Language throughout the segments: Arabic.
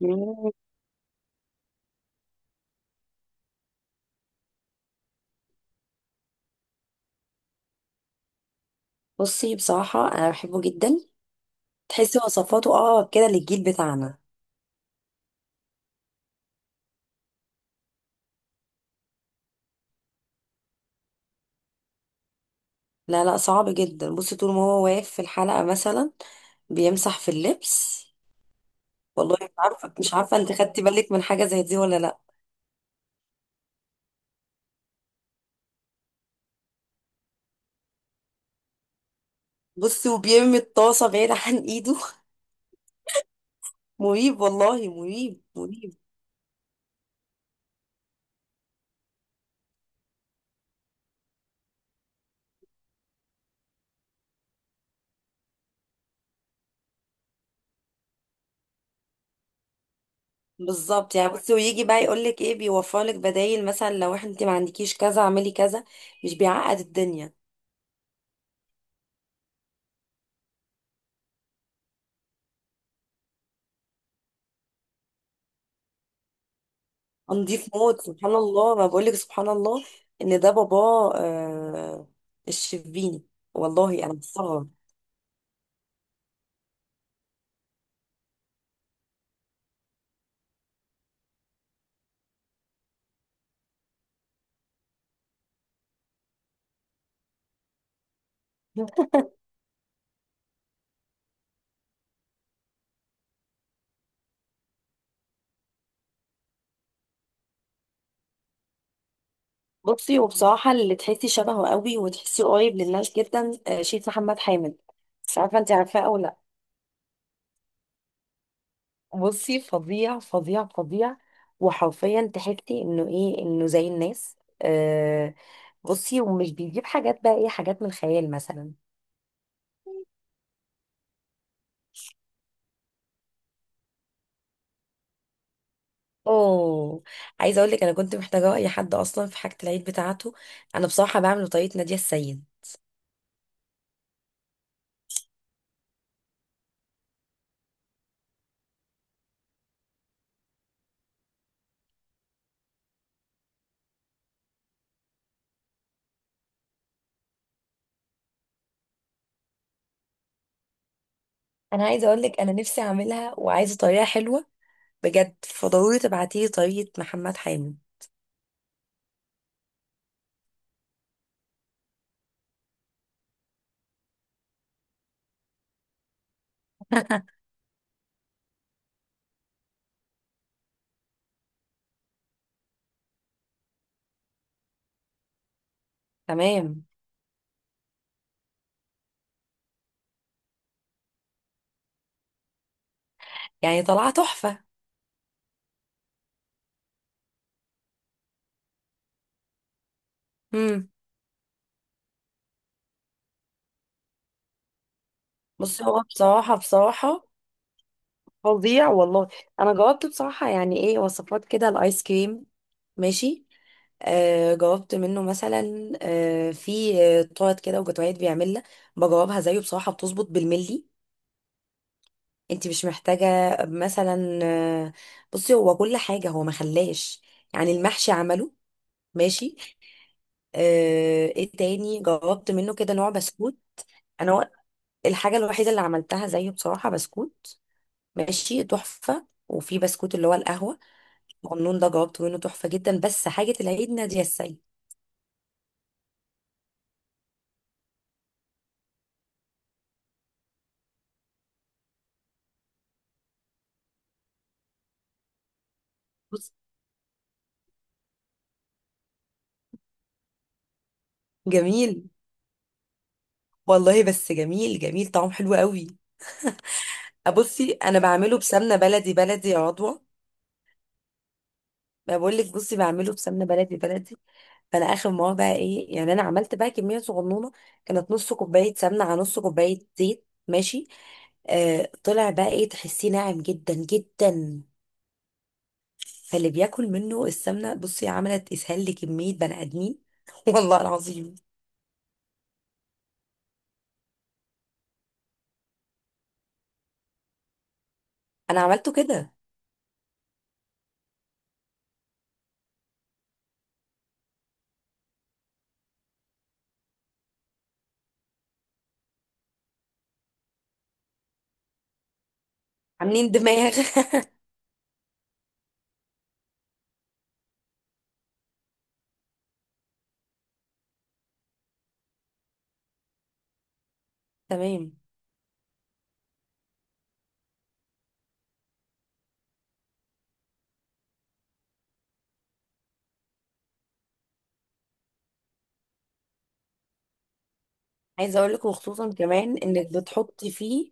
مم. بصي، بصراحة أنا بحبه جدا. تحسي وصفاته أقرب كده للجيل بتاعنا. لا، لا، صعب جدا. بصي، طول ما هو واقف في الحلقة مثلا بيمسح في اللبس. والله مش عارفة مش عارفة أنت خدتي بالك من حاجة زي دي ولا لأ؟ بصي، وبيرمي الطاسة بعيد عن إيده. مريب، والله مريب مريب. بالظبط. يعني بصي، ويجي بقى يقول لك إيه، بيوفر لك بدايل، مثلا لو إحنا أنت ما عندكيش كذا اعملي كذا. مش بيعقد الدنيا. نضيف موت، سبحان الله. ما بقولك سبحان الله ان ده باباه، الشربيني. والله انا بستغرب. بصي، وبصراحه اللي تحسي شبهه قوي وتحسي قريب للناس جدا، شيخ محمد حامد. مش عارفه، انت عارفاه او لا؟ بصي، فظيع فظيع فظيع. وحرفيا تحسي انه، ايه، انه زي الناس. آه. بصي، ومش بيجيب حاجات، بقى ايه، حاجات من الخيال مثلا. اوه. عايزه اقول لك، انا كنت محتاجه اي حد اصلا في حاجه العيد بتاعته. انا بصراحه بعمل بطريقه ناديه السيد. انا عايزه اقول لك، انا نفسي اعملها وعايزه طريقه حلوه بجد، فضروري تبعتي لي طريقه محمد حامد. تمام. يعني طلعت تحفه. امم. بصي، هو بصراحه بصراحه، فظيع والله. انا جاوبت بصراحه، يعني ايه، وصفات كده الايس كريم، ماشي. جاوبت منه مثلا، في تورت كده وجاتوهات بيعملها. بجاوبها زيه بصراحه، بتظبط بالملي. انت مش محتاجه مثلا بصي هو كل حاجه هو ما خلاش. يعني المحشي عمله. ماشي. ايه تاني جاوبت منه كده، نوع بسكوت. انا و- الحاجه الوحيده اللي عملتها زيه بصراحه بسكوت، ماشي تحفه. وفي بسكوت اللي هو القهوه، النون ده جاوبته منه تحفة جدا، بس حاجة العيد نادية السيد. بص. جميل، والله بس جميل جميل طعم حلو قوي. بصي، انا بعمله بسمنة بلدي بلدي يا عضوة. ما بقول لك، بصي بعمله بسمنة بلدي بلدي. فانا اخر مرة، بقى ايه، يعني انا عملت بقى كمية صغنونة. كانت نص كوباية سمنة على نص كوباية زيت، ماشي. طلع، بقى ايه، تحسيه ناعم جدا جدا. فاللي بياكل منه السمنة، بصي، عملت اسهال لكمية بني ادمين. والله العظيم. انا عملته كده. عاملين دماغ. تمام. عايزه اقول لكم، خصوصا كمان انك بتحطي فيه،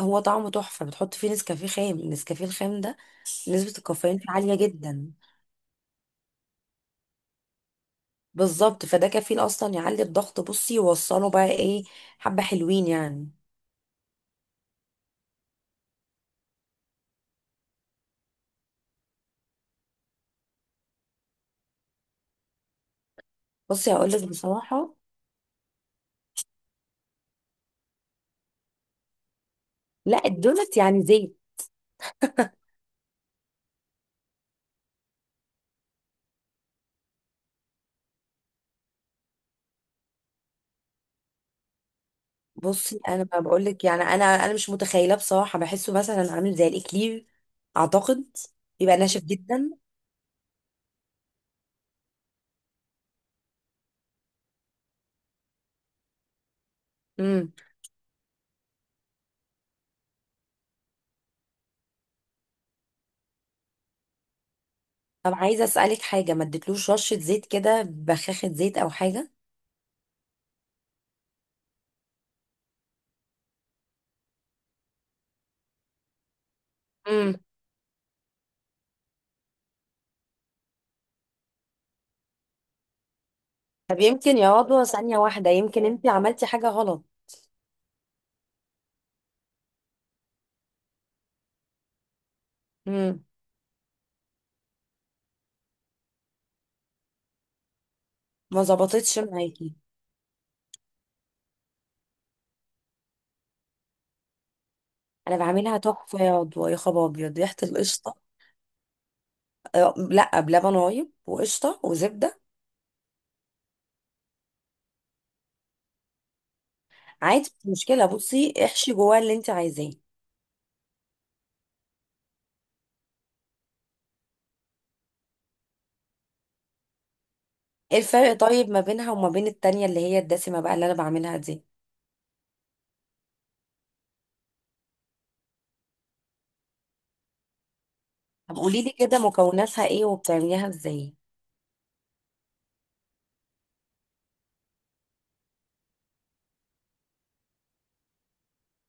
هو طعمه تحفه. بتحطي فيه نسكافيه خام، النسكافيه الخام ده نسبه الكافيين فيه عاليه جدا. بالظبط، فده كفيل اصلا يعلي الضغط، بصي يوصله بقى ايه، حبه حلوين يعني. بصي، هقول لك بصراحه، لا الدونت يعني زيت. بصي، انا ما بقول لك، يعني انا مش متخيله بصراحه، بحسه مثلا عامل زي الاكلير، اعتقد. يبقى ناشف جدا. امم. طب عايزه اسالك حاجه، ما اديتلوش رشه زيت كده، بخاخه زيت او حاجه؟ امم. طب يمكن يا رضوى، ثانيه واحده، يمكن انت عملتي حاجه غلط. امم. ما ظبطتش معاكي. انا بعملها تحفه يا رضوى، يا خبر ابيض، ريحه القشطه. آه، لا، بلبن رايب وقشطه وزبده. عادي، مش مشكله، بصي احشي جواها اللي انت عايزاه. ايه الفرق طيب ما بينها وما بين التانية اللي هي الدسمه بقى اللي انا بعملها دي؟ طب قولي لي كده، مكوناتها ايه وبتعمليها ازاي؟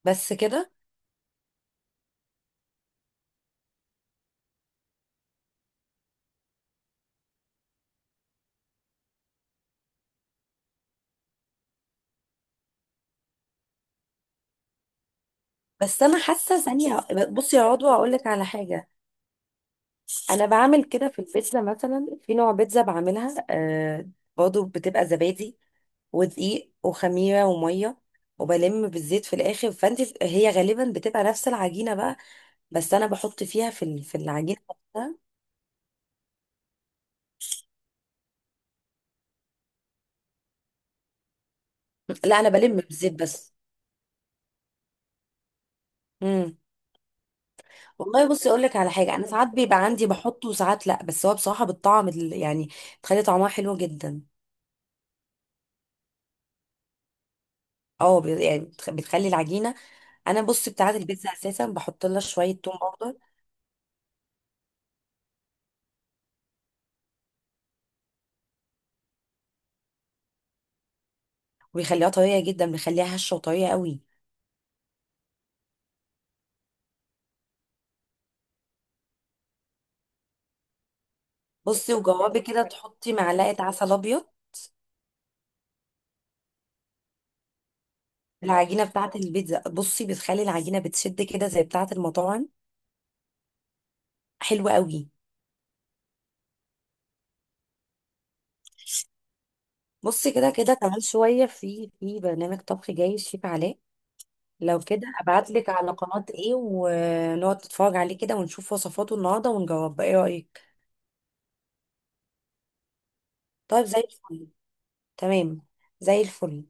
بس كده؟ بس انا حاسه ثانيه، بصي يا عضوى اقول لك على حاجه. انا بعمل كده في البيتزا، مثلا في نوع بيتزا بعملها، برضه بتبقى زبادي ودقيق وخميره وميه، وبلم بالزيت في الاخر. فانت هي غالبا بتبقى نفس العجينه بقى، بس انا بحط فيها في العجينه نفسها. لا، انا بلم بالزيت بس. امم. والله بصي اقول لك على حاجه، انا ساعات بيبقى عندي بحطه وساعات لا، بس هو بصراحه بالطعم يعني بتخلي طعمها حلو جدا. اه، يعني بتخلي العجينه. انا بص، بتاعه البيتزا اساسا بحط لها شويه توم اخضر، وبيخليها طريه جدا، بيخليها هشه وطريه قوي. بصي، وجوابي كده تحطي معلقه عسل ابيض في العجينه بتاعه البيتزا، بصي بتخلي العجينه بتشد كده زي بتاعه المطاعم، حلوه قوي. بصي، كده كده كمان شويه في برنامج طبخ جاي الشيف علاء. لو كده ابعت لك على قناه ايه، ونقعد نتفرج عليه كده ونشوف وصفاته النهارده، ونجاوب، ايه رايك؟ طيب، زي الفل. تمام، زي الفل.